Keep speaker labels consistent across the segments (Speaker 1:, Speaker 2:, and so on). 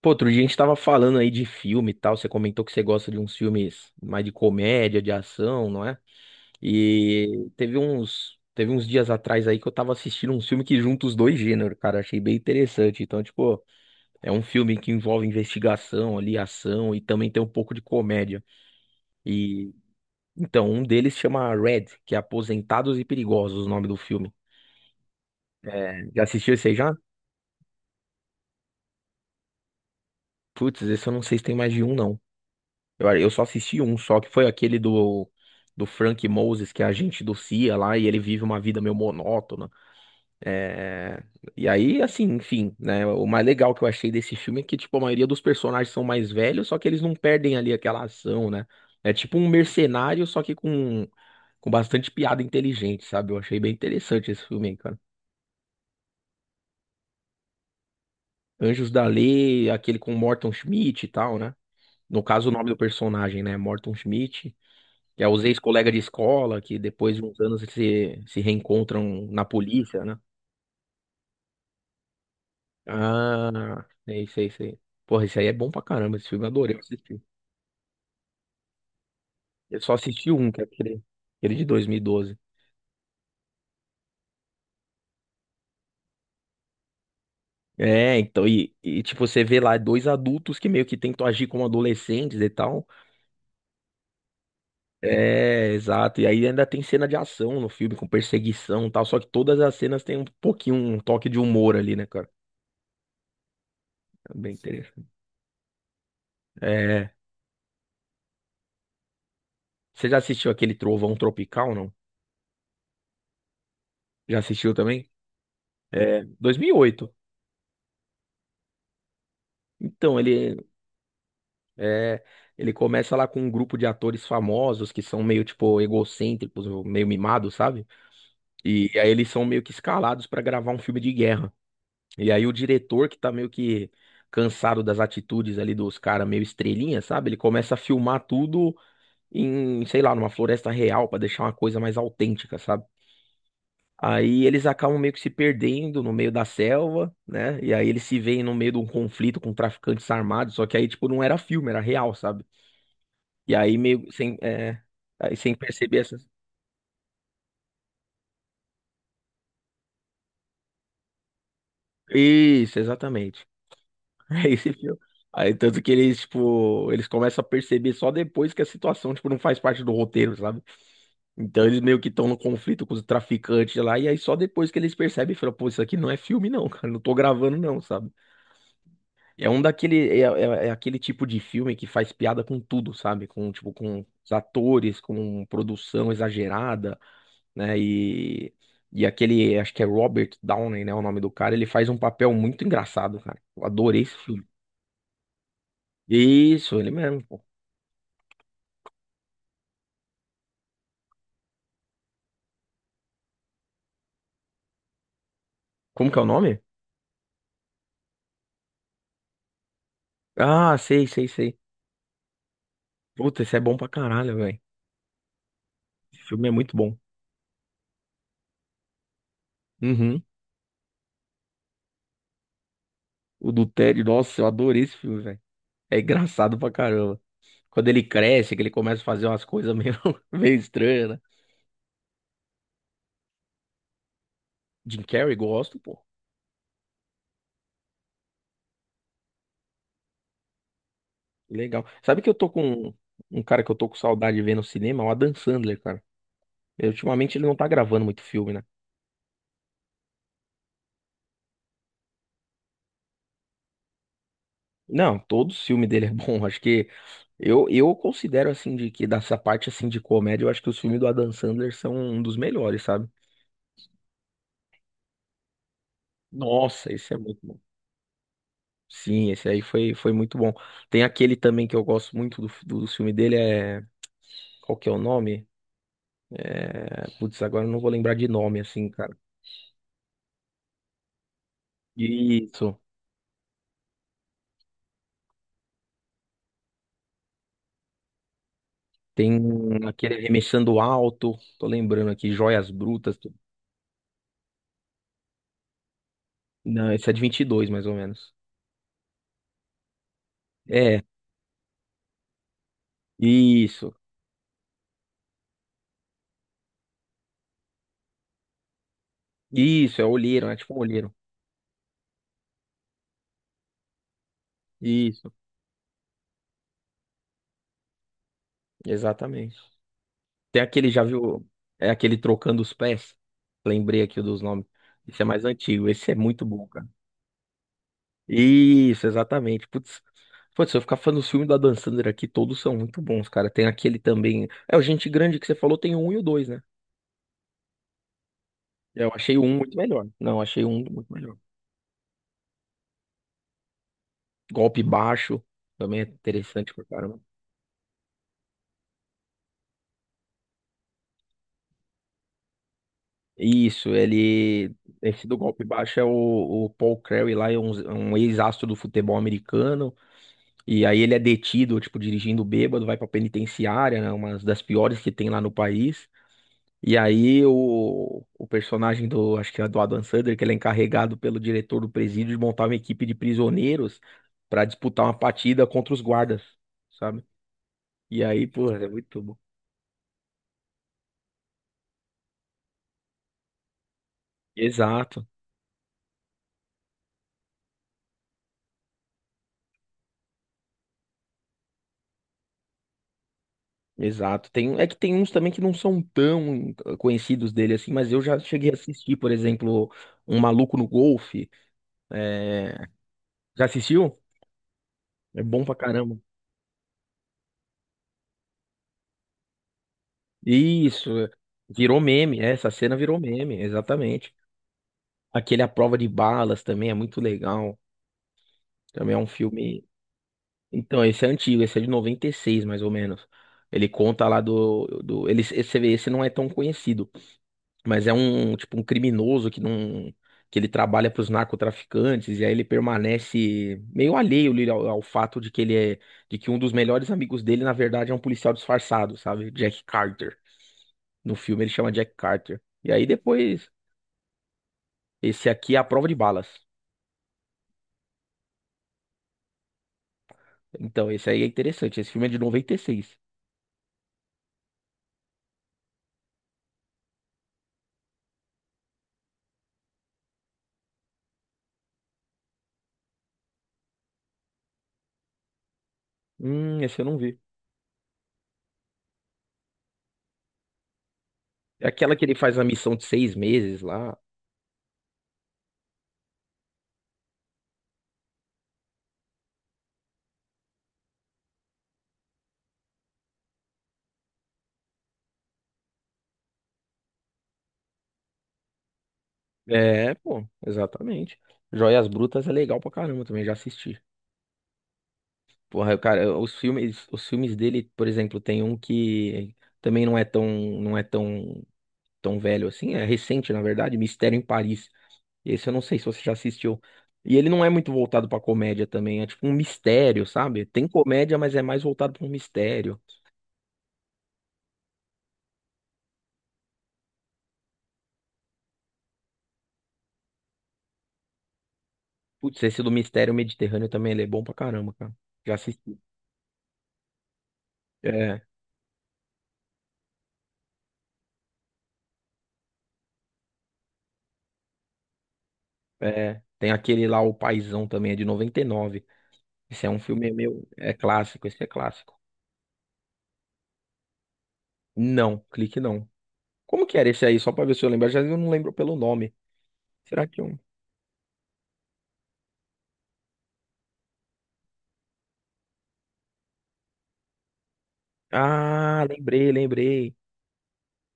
Speaker 1: Pô, outro dia a gente tava falando aí de filme e tal. Você comentou que você gosta de uns filmes mais de comédia, de ação, não é? E teve uns dias atrás aí que eu tava assistindo um filme que junta os dois gêneros, cara. Achei bem interessante. Então, tipo, é um filme que envolve investigação ali, ação e também tem um pouco de comédia. E então, um deles chama Red, que é Aposentados e Perigosos, o nome do filme. Já assistiu esse aí já? Putz, esse eu não sei se tem mais de um, não. Eu só assisti um só, que foi aquele do Frank Moses, que é agente do CIA lá, e ele vive uma vida meio monótona. É. E aí, assim, enfim, né? O mais legal que eu achei desse filme é que, tipo, a maioria dos personagens são mais velhos, só que eles não perdem ali aquela ação, né? É tipo um mercenário, só que com bastante piada inteligente, sabe? Eu achei bem interessante esse filme aí, cara. Anjos da Lei, aquele com Morton Schmidt e tal, né? No caso, o nome do personagem, né? Morton Schmidt. Já os ex-colegas de escola que depois de uns anos se reencontram na polícia, né? Ah, é isso aí, isso aí. Porra, esse aí é bom pra caramba, esse filme eu adorei assistir. Eu só assisti um, que é aquele, aquele de 2012. É, então, e tipo, você vê lá dois adultos que meio que tentam agir como adolescentes e tal. É, exato. E aí ainda tem cena de ação no filme, com perseguição e tal. Só que todas as cenas têm um pouquinho, um toque de humor ali, né, cara? É bem interessante. É. Você já assistiu aquele Trovão Tropical, não? Já assistiu também? É, 2008. Então, ele é, ele começa lá com um grupo de atores famosos que são meio tipo egocêntricos, meio mimados, sabe? E aí eles são meio que escalados pra gravar um filme de guerra. E aí o diretor que tá meio que cansado das atitudes ali dos caras meio estrelinha, sabe? Ele começa a filmar tudo em, sei lá, numa floresta real pra deixar uma coisa mais autêntica, sabe? Aí eles acabam meio que se perdendo no meio da selva, né? E aí eles se veem no meio de um conflito com traficantes armados, só que aí, tipo, não era filme, era real, sabe? E aí meio sem, é, aí sem perceber essas. Isso, exatamente. É esse filme. Aí tanto que eles, tipo, eles começam a perceber só depois que a situação, tipo, não faz parte do roteiro, sabe? Então eles meio que estão no conflito com os traficantes lá, e aí só depois que eles percebem e falam, pô, isso aqui não é filme, não, cara, não tô gravando, não, sabe? É um daquele, é aquele tipo de filme que faz piada com tudo, sabe? Com, tipo, com os atores, com produção exagerada, né? E aquele, acho que é Robert Downey, né? O nome do cara, ele faz um papel muito engraçado, cara. Eu adorei esse filme. Isso, ele mesmo, pô. Como que é o nome? Ah, sei, sei, sei. Puta, esse é bom pra caralho, velho. Esse filme é muito bom. Uhum. O do Ted, nossa, eu adorei esse filme, velho. É engraçado pra caramba. Quando ele cresce, que ele começa a fazer umas coisas meio, meio estranhas, né? Jim Carrey, gosto, pô. Legal. Sabe que eu tô com um cara que eu tô com saudade de ver no cinema? O Adam Sandler, cara. Ultimamente ele não tá gravando muito filme, né? Não, todo filme dele é bom. Acho que eu considero assim de que dessa parte assim de comédia, eu acho que os filmes do Adam Sandler são um dos melhores, sabe? Nossa, esse é muito bom. Sim, esse aí foi, foi muito bom. Tem aquele também que eu gosto muito do filme dele, é. Qual que é o nome? É, Putz, agora eu não vou lembrar de nome, assim, cara. Isso. Tem aquele Remexendo Alto, tô lembrando aqui, Joias Brutas. Não, esse é de 22 mais ou menos. É, isso. Isso, é olheiro, né? Tipo um olheiro. Isso, exatamente. Tem aquele, já viu? É aquele Trocando os Pés. Lembrei aqui dos nomes. Esse é mais antigo, esse é muito bom, cara. Isso, exatamente. Putz, se eu ficar falando dos filmes do Adam Sandler aqui, todos são muito bons, cara. Tem aquele também. É, o Gente Grande que você falou, tem o um e o dois, né? Eu achei o um muito melhor. Não, achei o um muito melhor. Golpe baixo também é interessante pra caramba. Isso, ele. Esse do golpe baixo é o Paul Crewe lá, é um, um ex-astro do futebol americano. E aí ele é detido, tipo, dirigindo bêbado, vai pra penitenciária, né? Uma das piores que tem lá no país. E aí o personagem do, acho que é do Adam Sandler, que ele é encarregado pelo diretor do presídio de montar uma equipe de prisioneiros pra disputar uma partida contra os guardas, sabe? E aí, pô, é muito bom. Exato. Exato. Tem, é que tem uns também que não são tão conhecidos dele assim, mas eu já cheguei a assistir, por exemplo, Um Maluco no Golfe. É, Já assistiu? É bom pra caramba. Isso. Virou meme. É, essa cena virou meme, exatamente. Aquele A Prova de Balas também é muito legal. Também é um filme. Então, esse é antigo, esse é de 96 mais ou menos. Ele conta lá do, do... Ele, esse, você vê, esse não é tão conhecido. Mas é um, tipo, um criminoso que não, que ele trabalha para os narcotraficantes e aí ele permanece meio alheio ali ao fato de que ele é, de que um dos melhores amigos dele, na verdade, é um policial disfarçado, sabe? Jack Carter. No filme ele chama Jack Carter. E aí depois, esse aqui é A Prova de Balas. Então, esse aí é interessante. Esse filme é de noventa e seis. Esse eu não vi. É aquela que ele faz a missão de 6 meses lá. É, pô, exatamente. Joias Brutas é legal pra caramba também, já assisti. Porra, eu, cara, os filmes dele, por exemplo, tem um que também não é tão velho assim, é recente, na verdade, Mistério em Paris. Esse eu não sei se você já assistiu. E ele não é muito voltado pra comédia também, é tipo um mistério, sabe? Tem comédia, mas é mais voltado pra um mistério. Putz, esse do Mistério Mediterrâneo também, ele é bom pra caramba, cara. Já assisti. É, é. Tem aquele lá, O Paizão também, é de 99. Esse é um filme meu, é clássico, esse é clássico. Não, clique não. Como que era esse aí? Só pra ver se eu lembro. Já eu não lembro pelo nome. Será que um. Ah, lembrei, lembrei.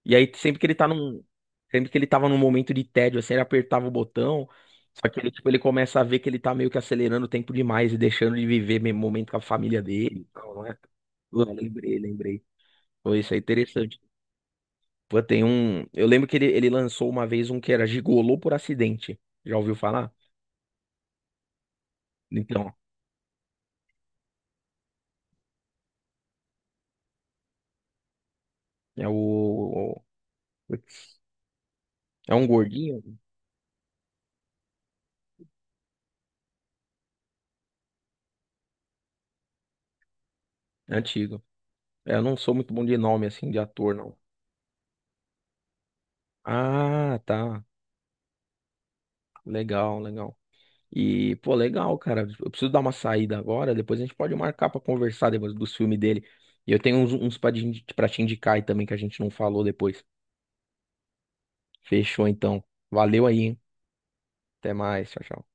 Speaker 1: E aí, sempre que ele tá num. Sempre que ele tava num momento de tédio, assim, ele apertava o botão. Só que ele, tipo, ele começa a ver que ele tá meio que acelerando o tempo demais e deixando de viver mesmo momento com a família dele. Então, não é? Pô, lembrei, lembrei. Pô, isso é interessante. Pô, tem um. Eu lembro que ele lançou uma vez um que era Gigolô por acidente. Já ouviu falar? Então, é o. Putz, é um gordinho antigo. É, eu não sou muito bom de nome, assim, de ator, não. Ah, tá. Legal, legal. E, pô, legal, cara. Eu preciso dar uma saída agora. Depois a gente pode marcar pra conversar depois dos filmes dele. E eu tenho uns pra te indicar aí também que a gente não falou depois. Fechou, então. Valeu aí, hein? Até mais. Tchau, tchau.